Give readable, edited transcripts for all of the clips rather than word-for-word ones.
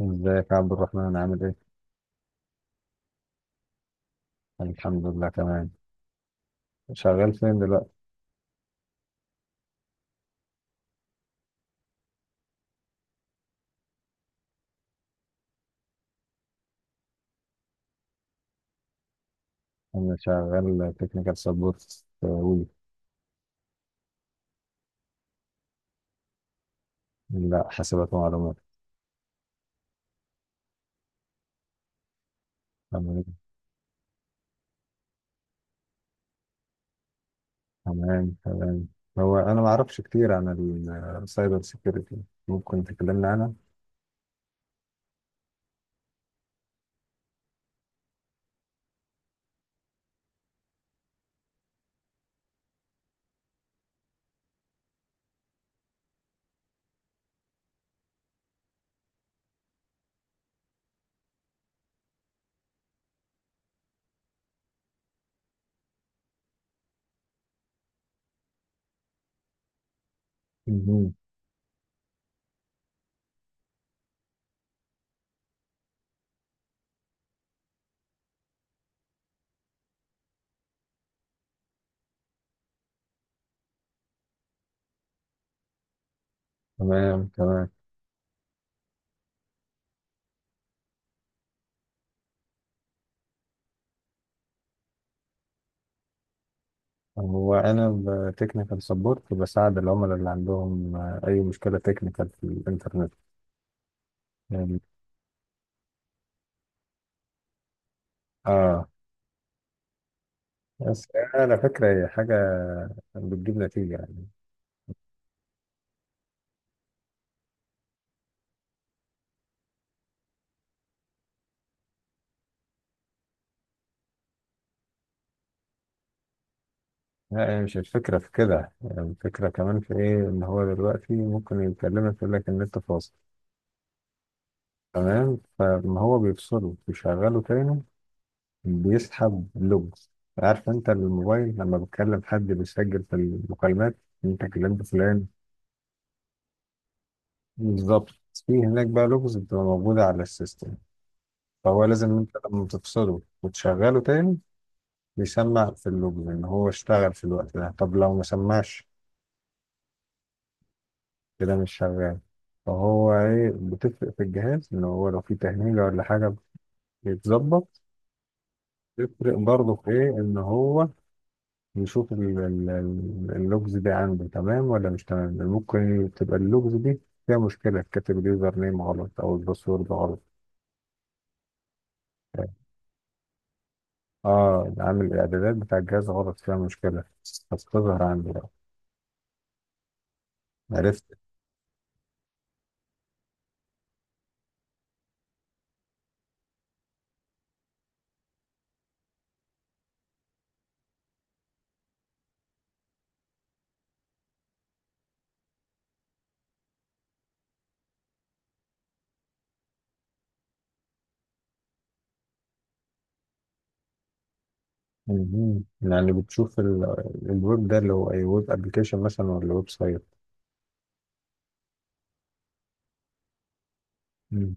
ازيك يا عبد الرحمن، عامل ايه؟ الحمد لله، تمام. شغال فين دلوقتي؟ انا شغال تكنيكال سبورت وي. لا، حاسبات ومعلومات. تمام، تمام، تمام. هو انا ما اعرفش كتير عن السايبر سيكيورتي، ممكن تكلمنا عنها؟ مهم. تمام، تمام. هو انا تكنيكال سبورت، بساعد العملاء اللي عندهم اي مشكلة تكنيكال في الانترنت يعني. اه، بس على فكرة هي حاجة بتجيب نتيجة يعني. لا، هي مش الفكرة في كده يعني الفكرة كمان في إيه، إن هو دلوقتي ممكن يكلمك يقول لك إن أنت فاصل. تمام، فما هو بيفصله بيشغله تاني، بيسحب لوج. عارف أنت الموبايل لما بتكلم حد بيسجل في المكالمات، أنت كلمت فلان. بالظبط، في هناك بقى لوجز بتبقى موجودة على السيستم. فهو لازم أنت لما تفصله وتشغله تاني بيسمع في اللوجز إن هو اشتغل في الوقت ده. طب لو ما سمعش كده مش شغال. فهو ايه، بتفرق في الجهاز ان هو لو في تهنيجة ولا حاجة بيتظبط. بيفرق برضه في ايه، ان هو يشوف اللوجز دي عنده تمام ولا مش تمام، لأن ممكن تبقى اللوجز دي فيها مشكلة كاتب اليوزر نيم غلط او الباسورد غلط. اه، عامل الاعدادات بتاع الجهاز غلط فيها مشكلة هتظهر عندي بقى. عرفت. مهم. يعني بتشوف الويب ده اللي هو اي ويب ابلكيشن مثلا ولا ويب سايت. مم.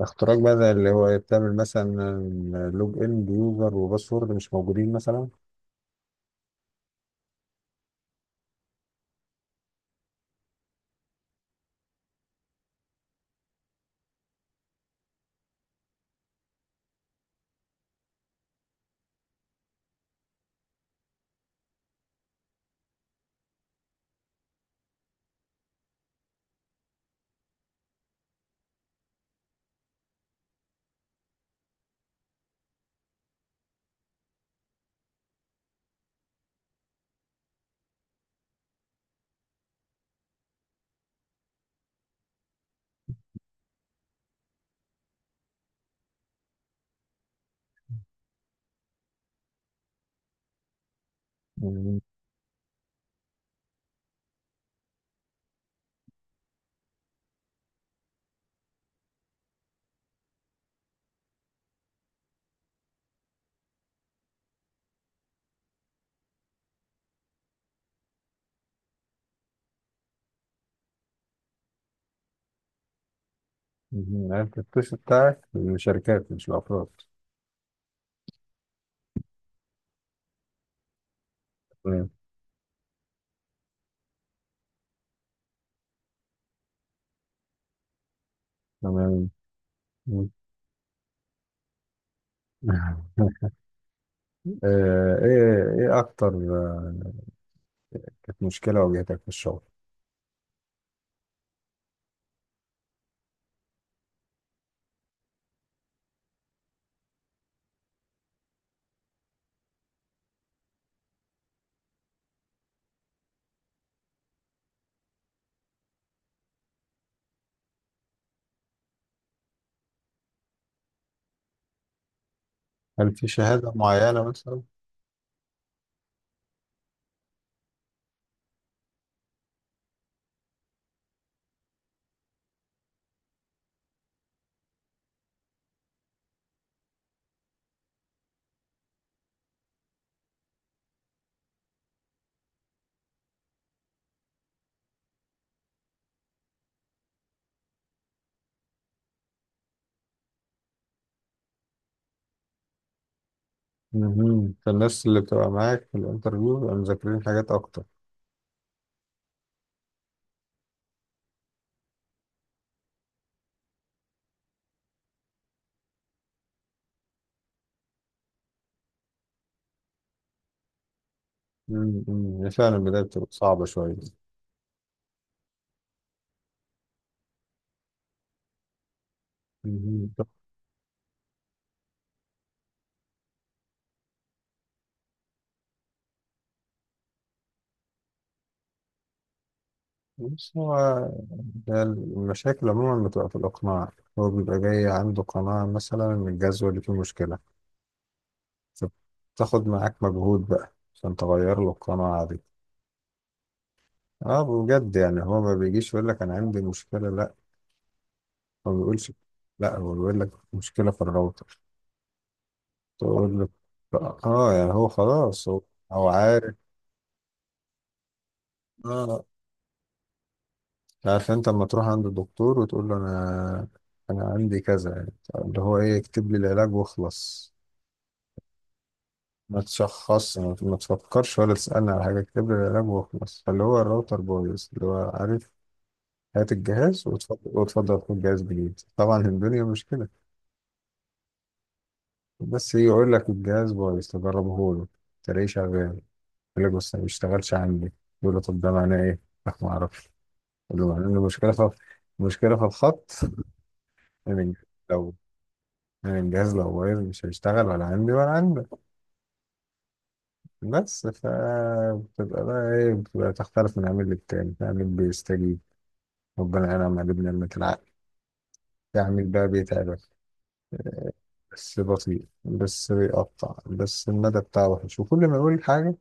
اختراق بقى اللي هو بتعمل مثلا لوج ان بيوزر وباسورد مش موجودين مثلا. مم. مم. عرفت، التوش بتاعك للشركات مش الافراد. تمام، تمام. مم. ايه اكتر. آه، كانت مشكله واجهتك في الشغل. هل في شهاده معينه مثلا؟ مهم. فالناس اللي بتبقى معاك في الانترفيو بيبقوا مذاكرين حاجات اكتر. مم. مم. فعلا البدايه بتبقى صعبه شويه. مهم. بص هو ده المشاكل عموما بتبقى في الإقناع. هو بيبقى جاي عنده قناعة مثلا إن الجزوة اللي فيه مشكلة، فبتاخد معاك مجهود بقى عشان تغير له القناعة دي. اه، بجد يعني هو ما بيجيش يقول لك أنا عندي مشكلة، لا هو ما بيقولش. لا هو بيقول لك مشكلة في الراوتر تقول له اه يعني هو خلاص، هو عارف. اه عارف. انت لما تروح عند الدكتور وتقول له انا عندي كذا يعني، اللي هو ايه، يكتب لي العلاج واخلص، ما تشخصش ما تفكرش ولا تسألني على حاجة، اكتب لي العلاج وخلاص. فاللي هو الراوتر بايظ، اللي هو عارف هات الجهاز وتفضل وتفضل، خد جهاز جديد. طبعا الدنيا مش كده. بس يجي يقول لك الجهاز بايظ، تجربه له تلاقيه شغال، يقول لك بس ما بيشتغلش عندي، يقول له طب ده معناه ايه؟ لا، ما اعرفش. يقول له معناه ان المشكلة في الخط. من لو يعني الجهاز لو بايظ مش هيشتغل ولا عندي ولا عندك. بس فبتبقى بقى ايه بتبقى تختلف من عميل للتاني، في عميل بيستجيب ربنا ينعم عليه بنعمة العقل، يعمل بقى بيتعبك بس بطيء، بس بيقطع، بس المدى بتاعه وحش، وكل ما يقول حاجة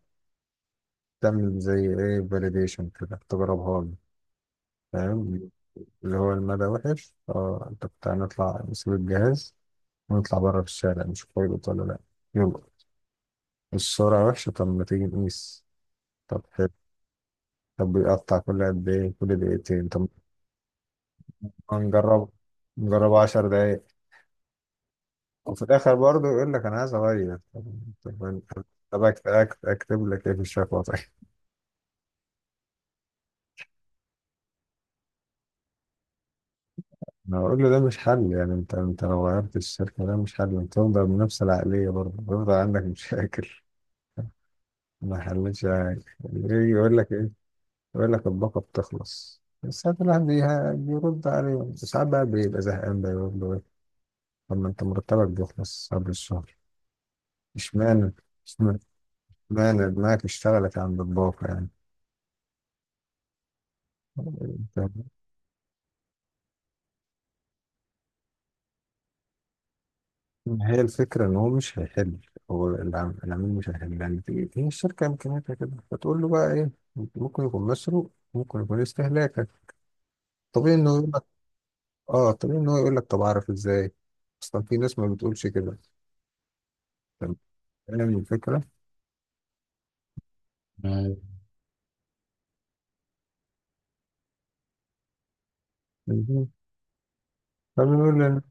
تعمل زي ايه، فاليديشن كده تجربها له، فاهم؟ اللي هو المدى وحش، اه انت بتاع نطلع، نسيب الجهاز ونطلع بره في الشارع نشوف هو يلقط ولا لا. يلا، السرعة وحشة، طب ما تيجي نقيس، طب حلو. طب بيقطع كل قد ايه، كل دقيقتين؟ طب ما نجربه 10 دقايق. وفي الاخر برضه يقول لك انا عايز اغير. طب طب اكتب لك ايه في الشكوى طيب. انا اقول له ده مش حل يعني، انت لو غيرت الشركه ده مش حل، انت تفضل بنفس العقليه برضه بيفضل عندك مشاكل، ما حلتش حاجه. يجي يقول لك ايه، يقول لك الباقه بتخلص، بس ساعات الواحد بيرد عليه ساعات بقى بيبقى زهقان بقى، يقول له ايه، طب ما انت مرتبك بيخلص قبل الشهر اشمعنى اشمعنى دماغك اشتغلت عند الباقه؟ يعني، ما هي الفكرة إن هو مش هيحل، هو العميل مش هيحل يعني هي الشركة إمكانياتها كده، فتقول له بقى إيه، ممكن يكون مسروق، ممكن يكون استهلاكك طبيعي، إنه يقول لك طبيعي إن هو يقول لك طب أعرف إزاي، أصلا في ناس ما بتقولش كده. طب، فاهم الفكرة؟ أيوة. مهم. فبنقول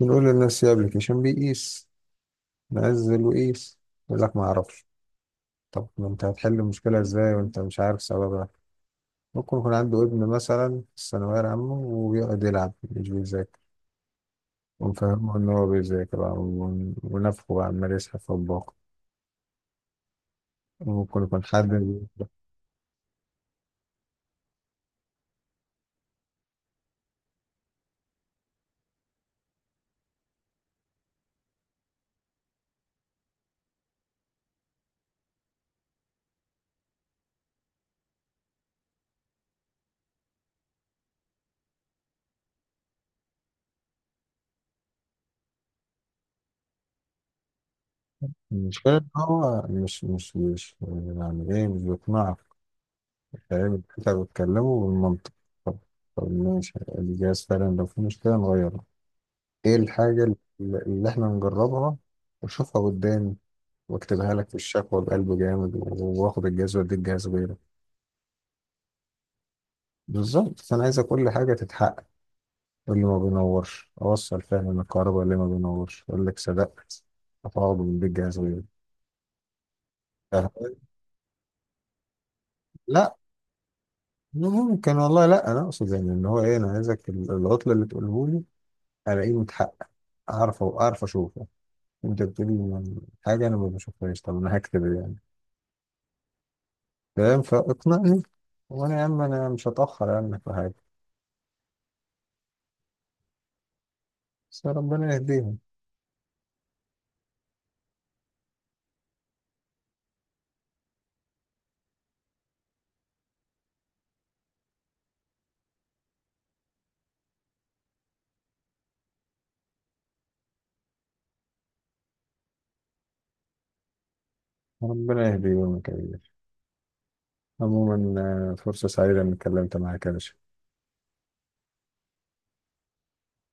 بنقول للناس يا ابلكيشن بيقيس، نزل وقيس، يقول لك ما اعرفش. طب ما انت هتحل المشكله ازاي وانت مش عارف سببها؟ ممكن يكون عنده ابن مثلا في الثانويه العامه وبيقعد يلعب مش بيذاكر، وفهمه إن هو بيذاكر بقى ونفخه بقى عمال يسحب في الباقة، وممكن يكون حد. المشكلة إن هو مش يعني إيه، مش بيقنعك. فاهم، أنت بتكلمه بالمنطق. طب طب ماشي، دي جايز فعلا لو في مشكلة نغيرها، إيه الحاجة اللي إحنا نجربها وأشوفها قدامي وأكتبها لك في الشكوى بقلب جامد، وآخد الجهاز وأديك جهاز غيره. بالظبط، فأنا عايزة كل حاجة تتحقق، اللي ما بينورش اوصل فعلا إن الكهرباء، اللي ما بينورش اقول لك صدقت، هتقعد من بيت جهاز غيري. أه، لا ممكن والله، لا انا اقصد يعني ان هو ايه، انا عايزك العطله اللي تقوله لي الاقيه متحقق، اعرف اشوفه. انت بتقولي يعني حاجه انا ما بشوفهاش، طب انا هكتب إيه يعني؟ فاهم، فاقنعني وانا يا عم، انا مش هتاخر عنك في حاجه. بس ربنا يهديهم، ربنا يهديهم يا كبير. عموما فرصه سعيده اني اتكلمت معاك يا باشا.